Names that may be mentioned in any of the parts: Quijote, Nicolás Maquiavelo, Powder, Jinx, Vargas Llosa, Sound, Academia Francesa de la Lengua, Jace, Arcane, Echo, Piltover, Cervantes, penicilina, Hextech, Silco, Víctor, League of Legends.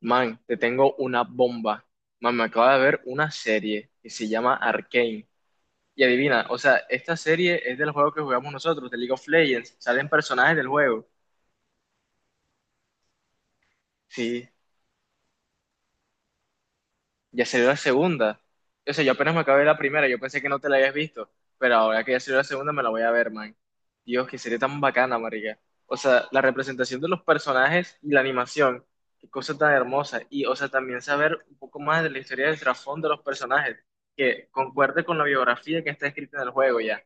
Man, te tengo una bomba. Man, me acabo de ver una serie que se llama Arcane. Y adivina, o sea, esta serie es del juego que jugamos nosotros, de League of Legends. Salen personajes del juego. Sí. Ya salió la segunda. O sea, yo apenas me acabé la primera, yo pensé que no te la habías visto, pero ahora que ya salió la segunda me la voy a ver, man. Dios, que sería tan bacana, marica. O sea, la representación de los personajes y la animación, qué cosa tan hermosa. Y, o sea, también saber un poco más de la historia del trasfondo de los personajes, que concuerde con la biografía que está escrita en el juego ya.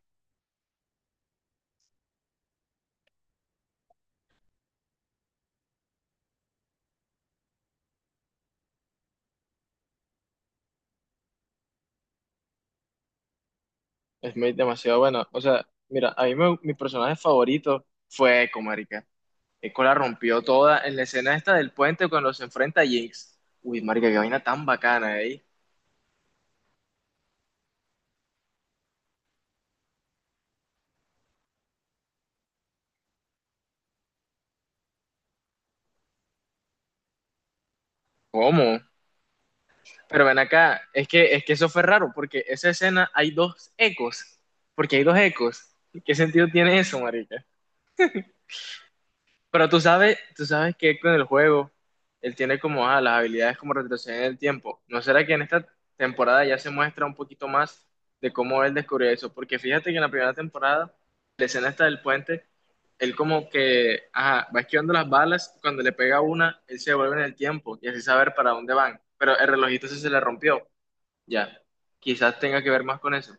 Es muy demasiado bueno. O sea, mira, mi personaje favorito fue Echo, marica. Eco la rompió toda en la escena esta del puente cuando se enfrenta a Jinx. Uy, marica, qué vaina tan bacana ahí. ¿Cómo? Pero ven acá, es que eso fue raro, porque esa escena hay dos ecos. Porque hay dos ecos. ¿Qué sentido tiene eso, marica? Pero tú sabes que con el juego, él tiene como las habilidades como retroceder en el tiempo. ¿No será que en esta temporada ya se muestra un poquito más de cómo él descubrió eso? Porque fíjate que en la primera temporada, la escena esta del puente, él como que ajá, va esquivando las balas, cuando le pega una, él se devuelve en el tiempo y así saber para dónde van. Pero el relojito ese se le rompió. Ya, quizás tenga que ver más con eso.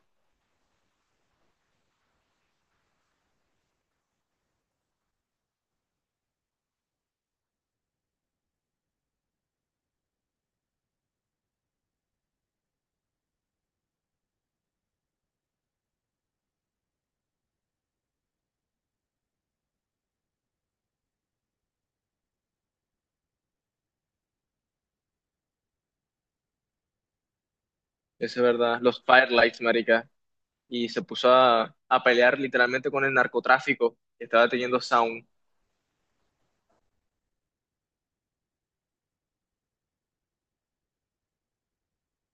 Eso es verdad. Los firelights, marica. Y se puso a pelear literalmente con el narcotráfico que estaba teniendo Sound.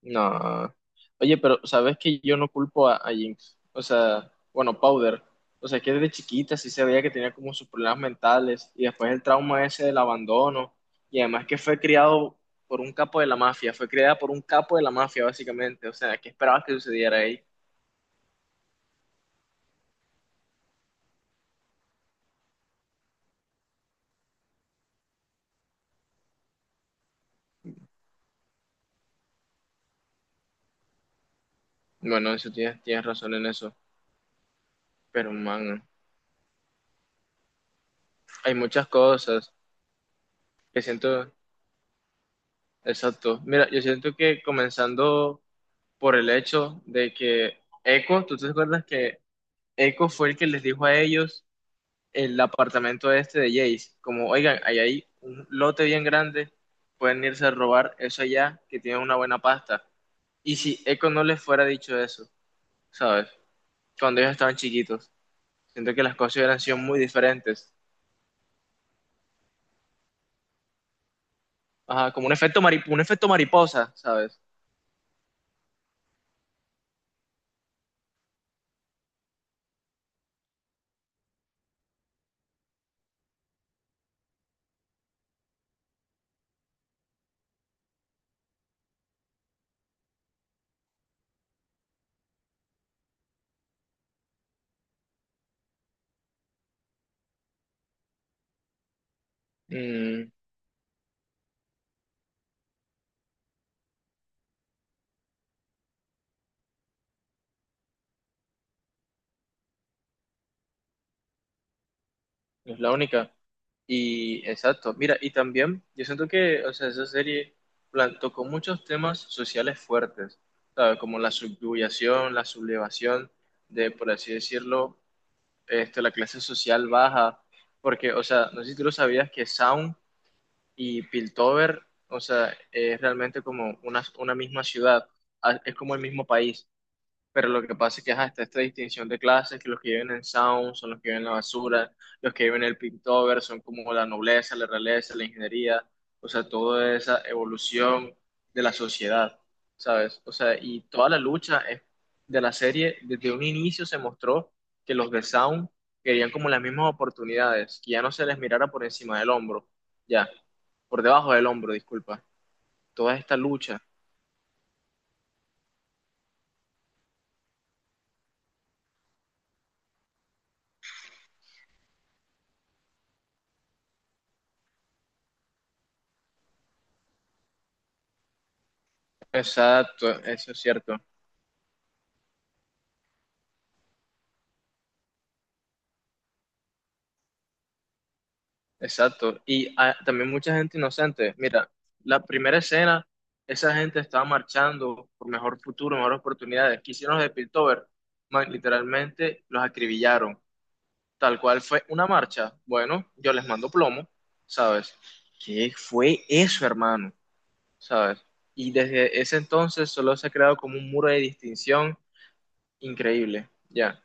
No. Oye, pero sabes que yo no culpo a Jinx. O sea, bueno, Powder. O sea, que desde chiquita sí se veía que tenía como sus problemas mentales y después el trauma ese del abandono. Y además que fue criado por un capo de la mafia, fue criada por un capo de la mafia, básicamente. O sea, ¿qué esperabas que sucediera ahí? Bueno, eso tienes, tienes razón en eso. Pero, man, hay muchas cosas que siento. Exacto. Mira, yo siento que comenzando por el hecho de que Echo, ¿tú te acuerdas que Echo fue el que les dijo a ellos el apartamento este de Jace? Como, oigan, ahí hay un lote bien grande, pueden irse a robar eso allá, que tiene una buena pasta. Y si Echo no les fuera dicho eso, ¿sabes? Cuando ellos estaban chiquitos, siento que las cosas hubieran sido muy diferentes. Ajá, como un efecto mariposa, ¿sabes? Mm, es la única. Y exacto, mira, y también yo siento que, o sea, esa serie tocó muchos temas sociales fuertes, ¿sabes? Como la subyugación, la sublevación de, por así decirlo, este, la clase social baja, porque, o sea, no sé si tú lo sabías que Sound y Piltover, o sea, es realmente como una misma ciudad, es como el mismo país. Pero lo que pasa es que ajá, está esta distinción de clases, que los que viven en Sound son los que viven en la basura, los que viven en el Piltover son como la nobleza, la realeza, la ingeniería, o sea, toda esa evolución de la sociedad, ¿sabes? O sea, y toda la lucha es- de la serie, desde un inicio se mostró que los de Sound querían como las mismas oportunidades, que ya no se les mirara por encima del hombro, ya, por debajo del hombro, disculpa. Toda esta lucha. Exacto, eso es cierto. Exacto. Y ah, también mucha gente inocente. Mira, la primera escena, esa gente estaba marchando por mejor futuro, mejores oportunidades. ¿Qué hicieron los de Piltover? Man, literalmente los acribillaron. Tal cual fue una marcha. Bueno, yo les mando plomo, ¿sabes? ¿Qué fue eso, hermano? ¿Sabes? Y desde ese entonces solo se ha creado como un muro de distinción increíble. Ya,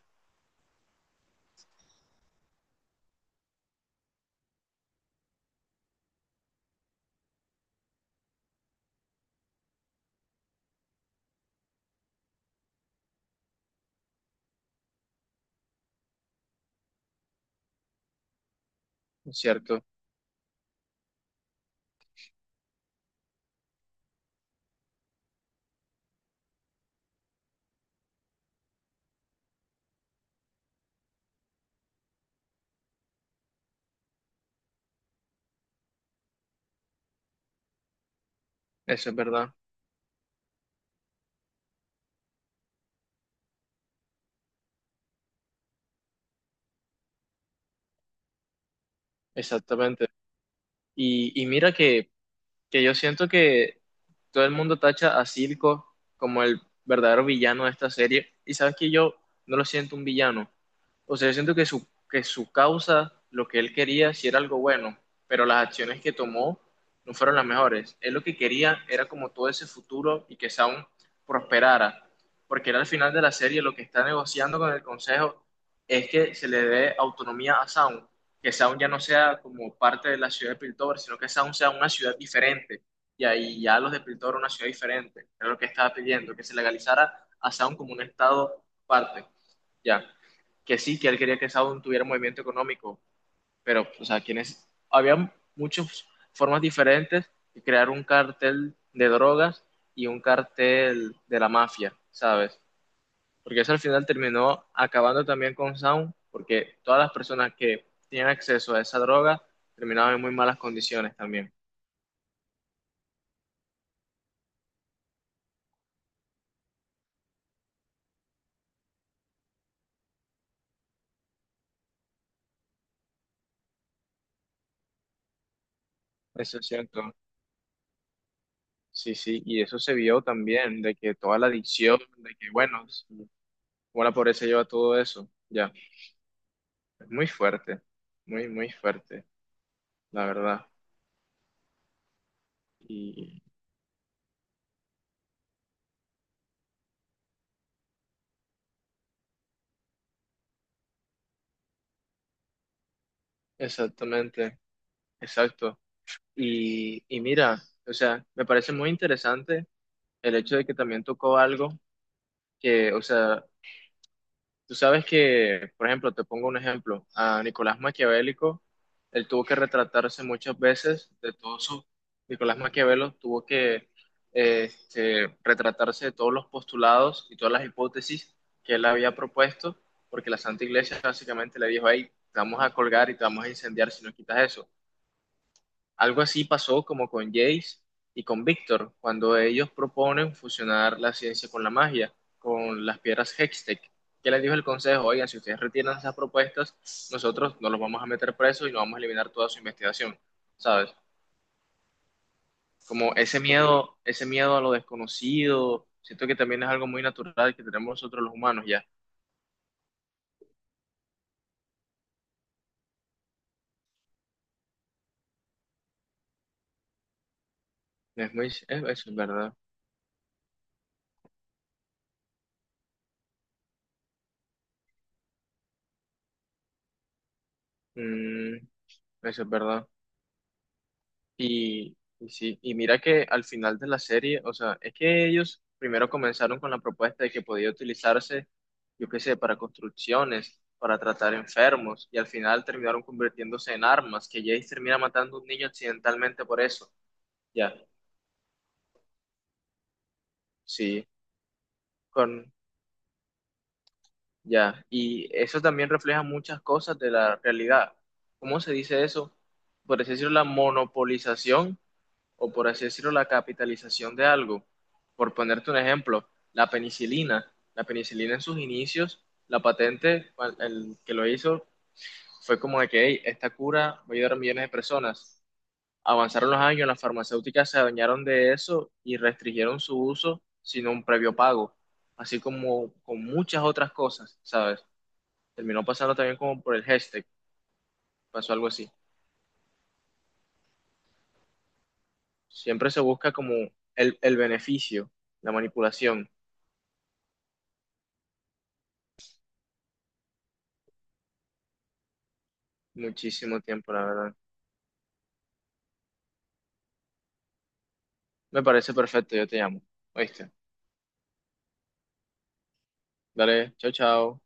¿no es cierto? Eso es verdad. Exactamente. Y mira que yo siento que todo el mundo tacha a Silco como el verdadero villano de esta serie, y sabes que yo no lo siento un villano. O sea, yo siento que que su causa, lo que él quería, sí era algo bueno, pero las acciones que tomó no fueron las mejores. Él lo que quería era como todo ese futuro y que Sound prosperara, porque era al final de la serie lo que está negociando con el Consejo es que se le dé autonomía a Sound, que Sound ya no sea como parte de la ciudad de Piltover, sino que Sound sea una ciudad diferente. Y ahí ya los de Piltover una ciudad diferente. Era lo que estaba pidiendo, que se legalizara a Sound como un estado parte. Ya, que sí, que él quería que Sound tuviera movimiento económico, pero, o sea, quienes, había muchas formas diferentes de crear un cartel de drogas y un cartel de la mafia, ¿sabes? Porque eso al final terminó acabando también con Sound, porque todas las personas que tienen acceso a esa droga terminaban en muy malas condiciones también. Eso es cierto. Sí, sí, y eso se vio también, de que toda la adicción, de que, bueno, sí, cómo la pobreza lleva todo eso, ya. Es muy fuerte, muy, muy fuerte, la verdad. Y exactamente, exacto. Y mira, o sea, me parece muy interesante el hecho de que también tocó algo que, o sea, tú sabes que, por ejemplo, te pongo un ejemplo, a Nicolás Maquiavélico, él tuvo que retratarse muchas veces de todos sus. Nicolás Maquiavelo tuvo que este, retratarse de todos los postulados y todas las hipótesis que él había propuesto, porque la Santa Iglesia básicamente le dijo, ahí te vamos a colgar y te vamos a incendiar si no quitas eso. Algo así pasó como con Jace y con Víctor, cuando ellos proponen fusionar la ciencia con la magia, con las piedras Hextech. ¿Qué les dijo el consejo? Oigan, si ustedes retiran esas propuestas, nosotros no los vamos a meter presos y no vamos a eliminar toda su investigación, ¿sabes? Como ese miedo a lo desconocido, siento que también es algo muy natural que tenemos nosotros los humanos ya. No. Eso es verdad. Mm, eso es verdad. Y sí, y mira que al final de la serie, o sea, es que ellos primero comenzaron con la propuesta de que podía utilizarse, yo qué sé, para construcciones, para tratar enfermos, y al final terminaron convirtiéndose en armas, que Jace termina matando a un niño accidentalmente por eso. Ya, sí, con, ya. Y eso también refleja muchas cosas de la realidad. ¿Cómo se dice eso? Por así decirlo, la monopolización o por así decirlo, la capitalización de algo. Por ponerte un ejemplo, la penicilina. La penicilina en sus inicios, la patente, el que lo hizo, fue como de que "Hey, esta cura va a ayudar a millones de personas". Avanzaron los años, las farmacéuticas se adueñaron de eso y restringieron su uso sin un previo pago, así como con muchas otras cosas, ¿sabes? Terminó pasando también como por el hashtag, pasó algo así. Siempre se busca como el beneficio, la manipulación. Muchísimo tiempo, la verdad. Me parece perfecto, yo te llamo. ¿Oíste? Dale, chao, chao.